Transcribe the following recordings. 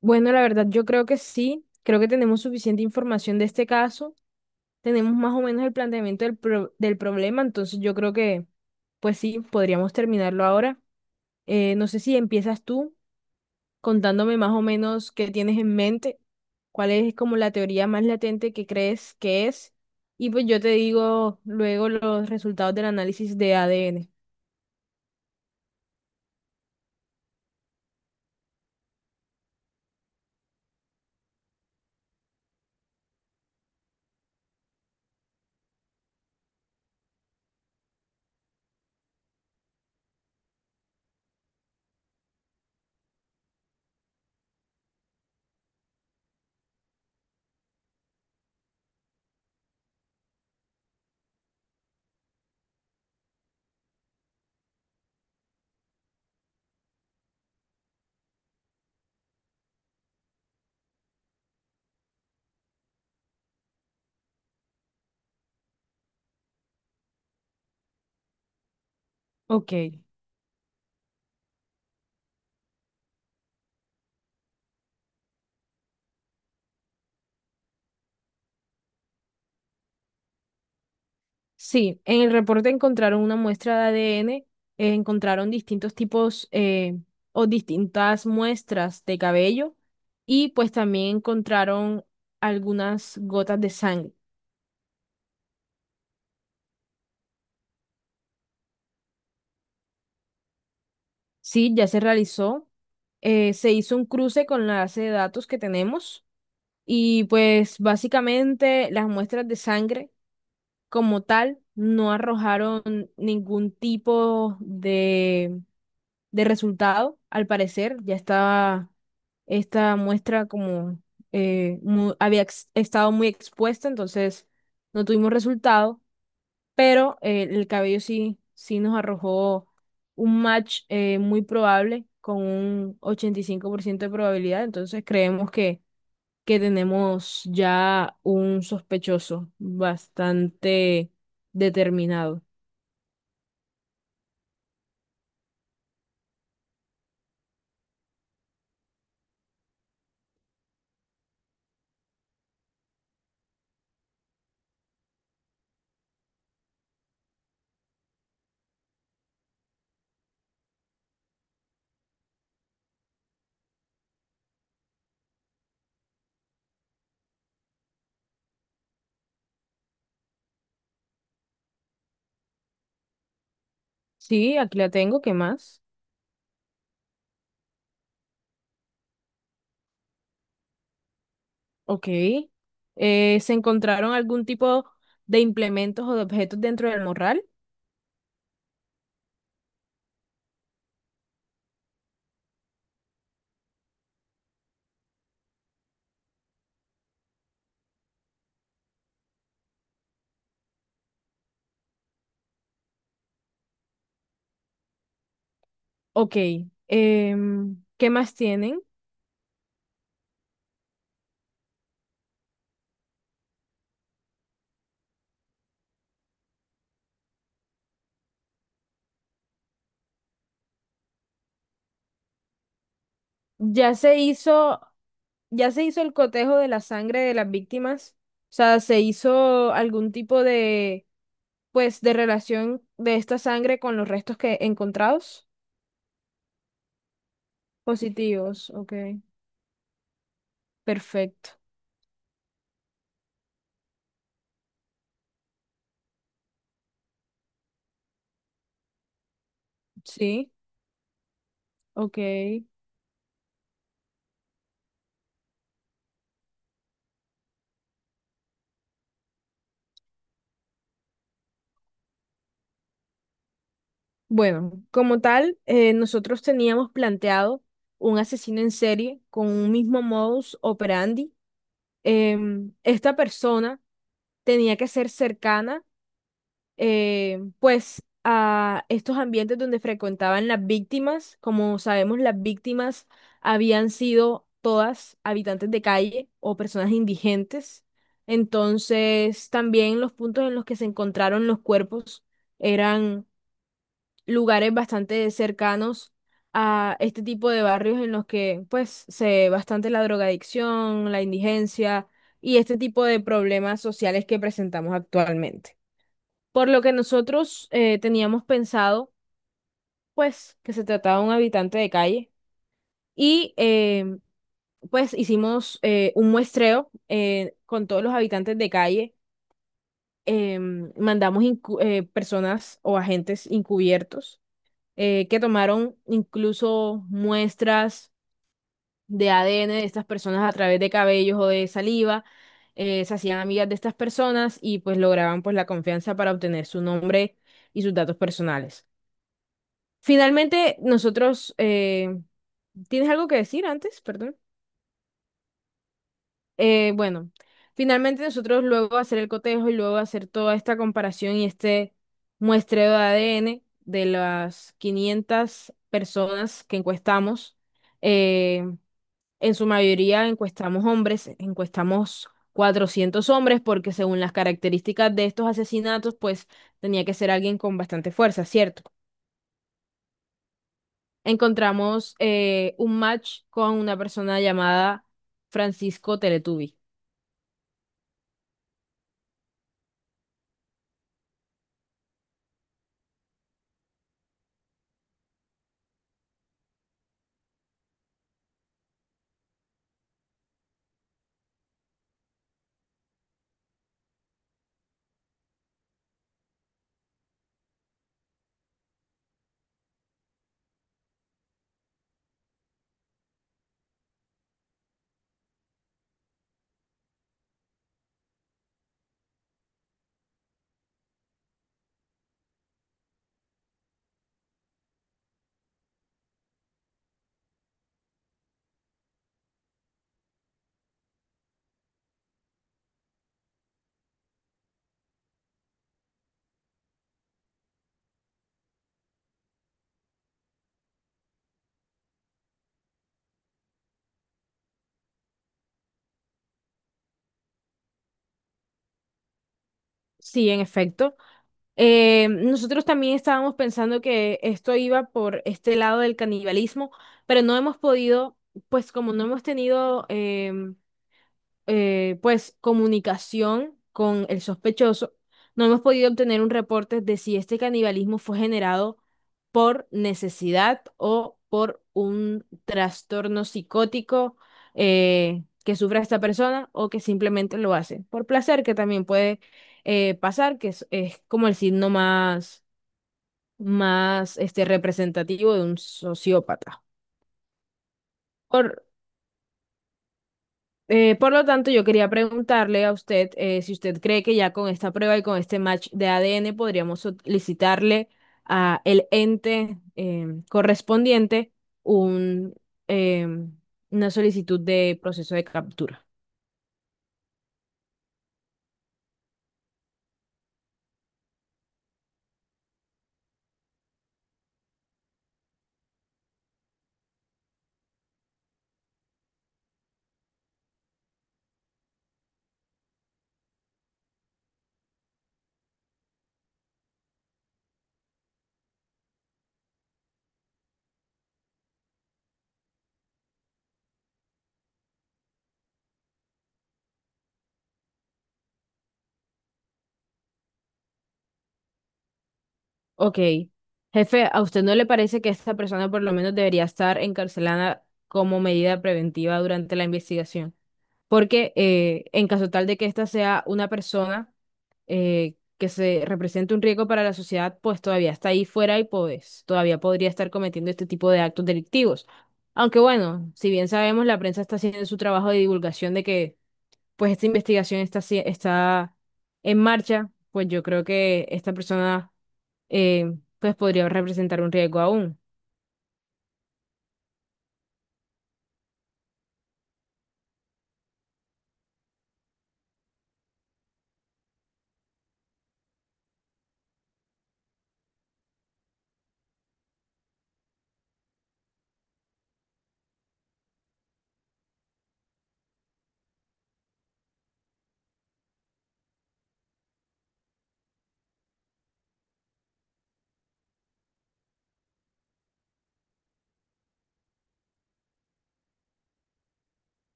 Bueno, la verdad, yo creo que sí. Creo que tenemos suficiente información de este caso. Tenemos más o menos el planteamiento del problema. Entonces, yo creo que, pues sí, podríamos terminarlo ahora. No sé si empiezas tú contándome más o menos qué tienes en mente, cuál es como la teoría más latente que crees que es. Y pues yo te digo luego los resultados del análisis de ADN. Ok. Sí, en el reporte encontraron una muestra de ADN, encontraron distintos tipos o distintas muestras de cabello y pues también encontraron algunas gotas de sangre. Sí, ya se realizó, se hizo un cruce con la base de datos que tenemos y pues básicamente las muestras de sangre como tal no arrojaron ningún tipo de resultado, al parecer, ya estaba esta muestra como estado muy expuesta, entonces no tuvimos resultado, pero el cabello sí nos arrojó un match muy probable con un 85% de probabilidad, entonces creemos que tenemos ya un sospechoso bastante determinado. Sí, aquí la tengo, ¿qué más? Ok. ¿Se encontraron algún tipo de implementos o de objetos dentro del morral? Ok. Em, ¿qué más tienen? Ya se hizo, ya se hizo el cotejo de la sangre de las víctimas. O sea, se hizo algún tipo de, pues, de relación de esta sangre con los restos que encontrados. Positivos, ok. Perfecto. Sí, ok. Bueno, como tal, nosotros teníamos planteado un asesino en serie con un mismo modus operandi. Esta persona tenía que ser cercana, pues, a estos ambientes donde frecuentaban las víctimas. Como sabemos, las víctimas habían sido todas habitantes de calle o personas indigentes. Entonces, también los puntos en los que se encontraron los cuerpos eran lugares bastante cercanos a este tipo de barrios en los que pues se ve bastante la drogadicción, la indigencia y este tipo de problemas sociales que presentamos actualmente. Por lo que nosotros teníamos pensado pues que se trataba de un habitante de calle y pues hicimos un muestreo con todos los habitantes de calle. Mandamos personas o agentes encubiertos que tomaron incluso muestras de ADN de estas personas a través de cabellos o de saliva. Se hacían amigas de estas personas y pues lograban pues la confianza para obtener su nombre y sus datos personales. Finalmente, ¿tienes algo que decir antes? Perdón. Eh, bueno, Finalmente nosotros luego de hacer el cotejo y luego de hacer toda esta comparación y este muestreo de ADN de las 500 personas que encuestamos, eh, en su mayoría encuestamos hombres, encuestamos 400 hombres porque según las características de estos asesinatos, pues tenía que ser alguien con bastante fuerza, ¿cierto? Encontramos un match con una persona llamada Francisco Teletubi. Sí, en efecto. Nosotros también estábamos pensando que esto iba por este lado del canibalismo, pero no hemos podido, pues como no hemos tenido pues comunicación con el sospechoso, no hemos podido obtener un reporte de si este canibalismo fue generado por necesidad o por un trastorno psicótico que sufra esta persona o que simplemente lo hace por placer, que también puede pasar, es como el signo más, más este, representativo de un sociópata. Por por lo tanto, yo quería preguntarle a usted si usted cree que ya con esta prueba y con este match de ADN podríamos solicitarle a el ente correspondiente un, em, una solicitud de proceso de captura. Ok. Jefe, ¿a usted no le parece que esta persona por lo menos debería estar encarcelada como medida preventiva durante la investigación? Porque en caso tal de que ésta sea una persona que se represente un riesgo para la sociedad, pues todavía está ahí fuera y pues todavía podría estar cometiendo este tipo de actos delictivos. Aunque bueno, si bien sabemos, la prensa está haciendo su trabajo de divulgación de que pues esta investigación está en marcha, pues yo creo que esta persona pues podría representar un riesgo aún.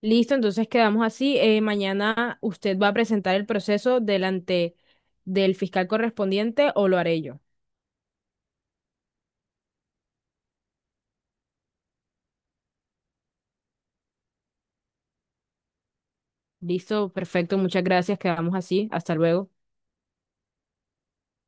Listo, entonces quedamos así. Mañana usted va a presentar el proceso delante del fiscal correspondiente o lo haré yo. Listo, perfecto, muchas gracias, quedamos así. Hasta luego.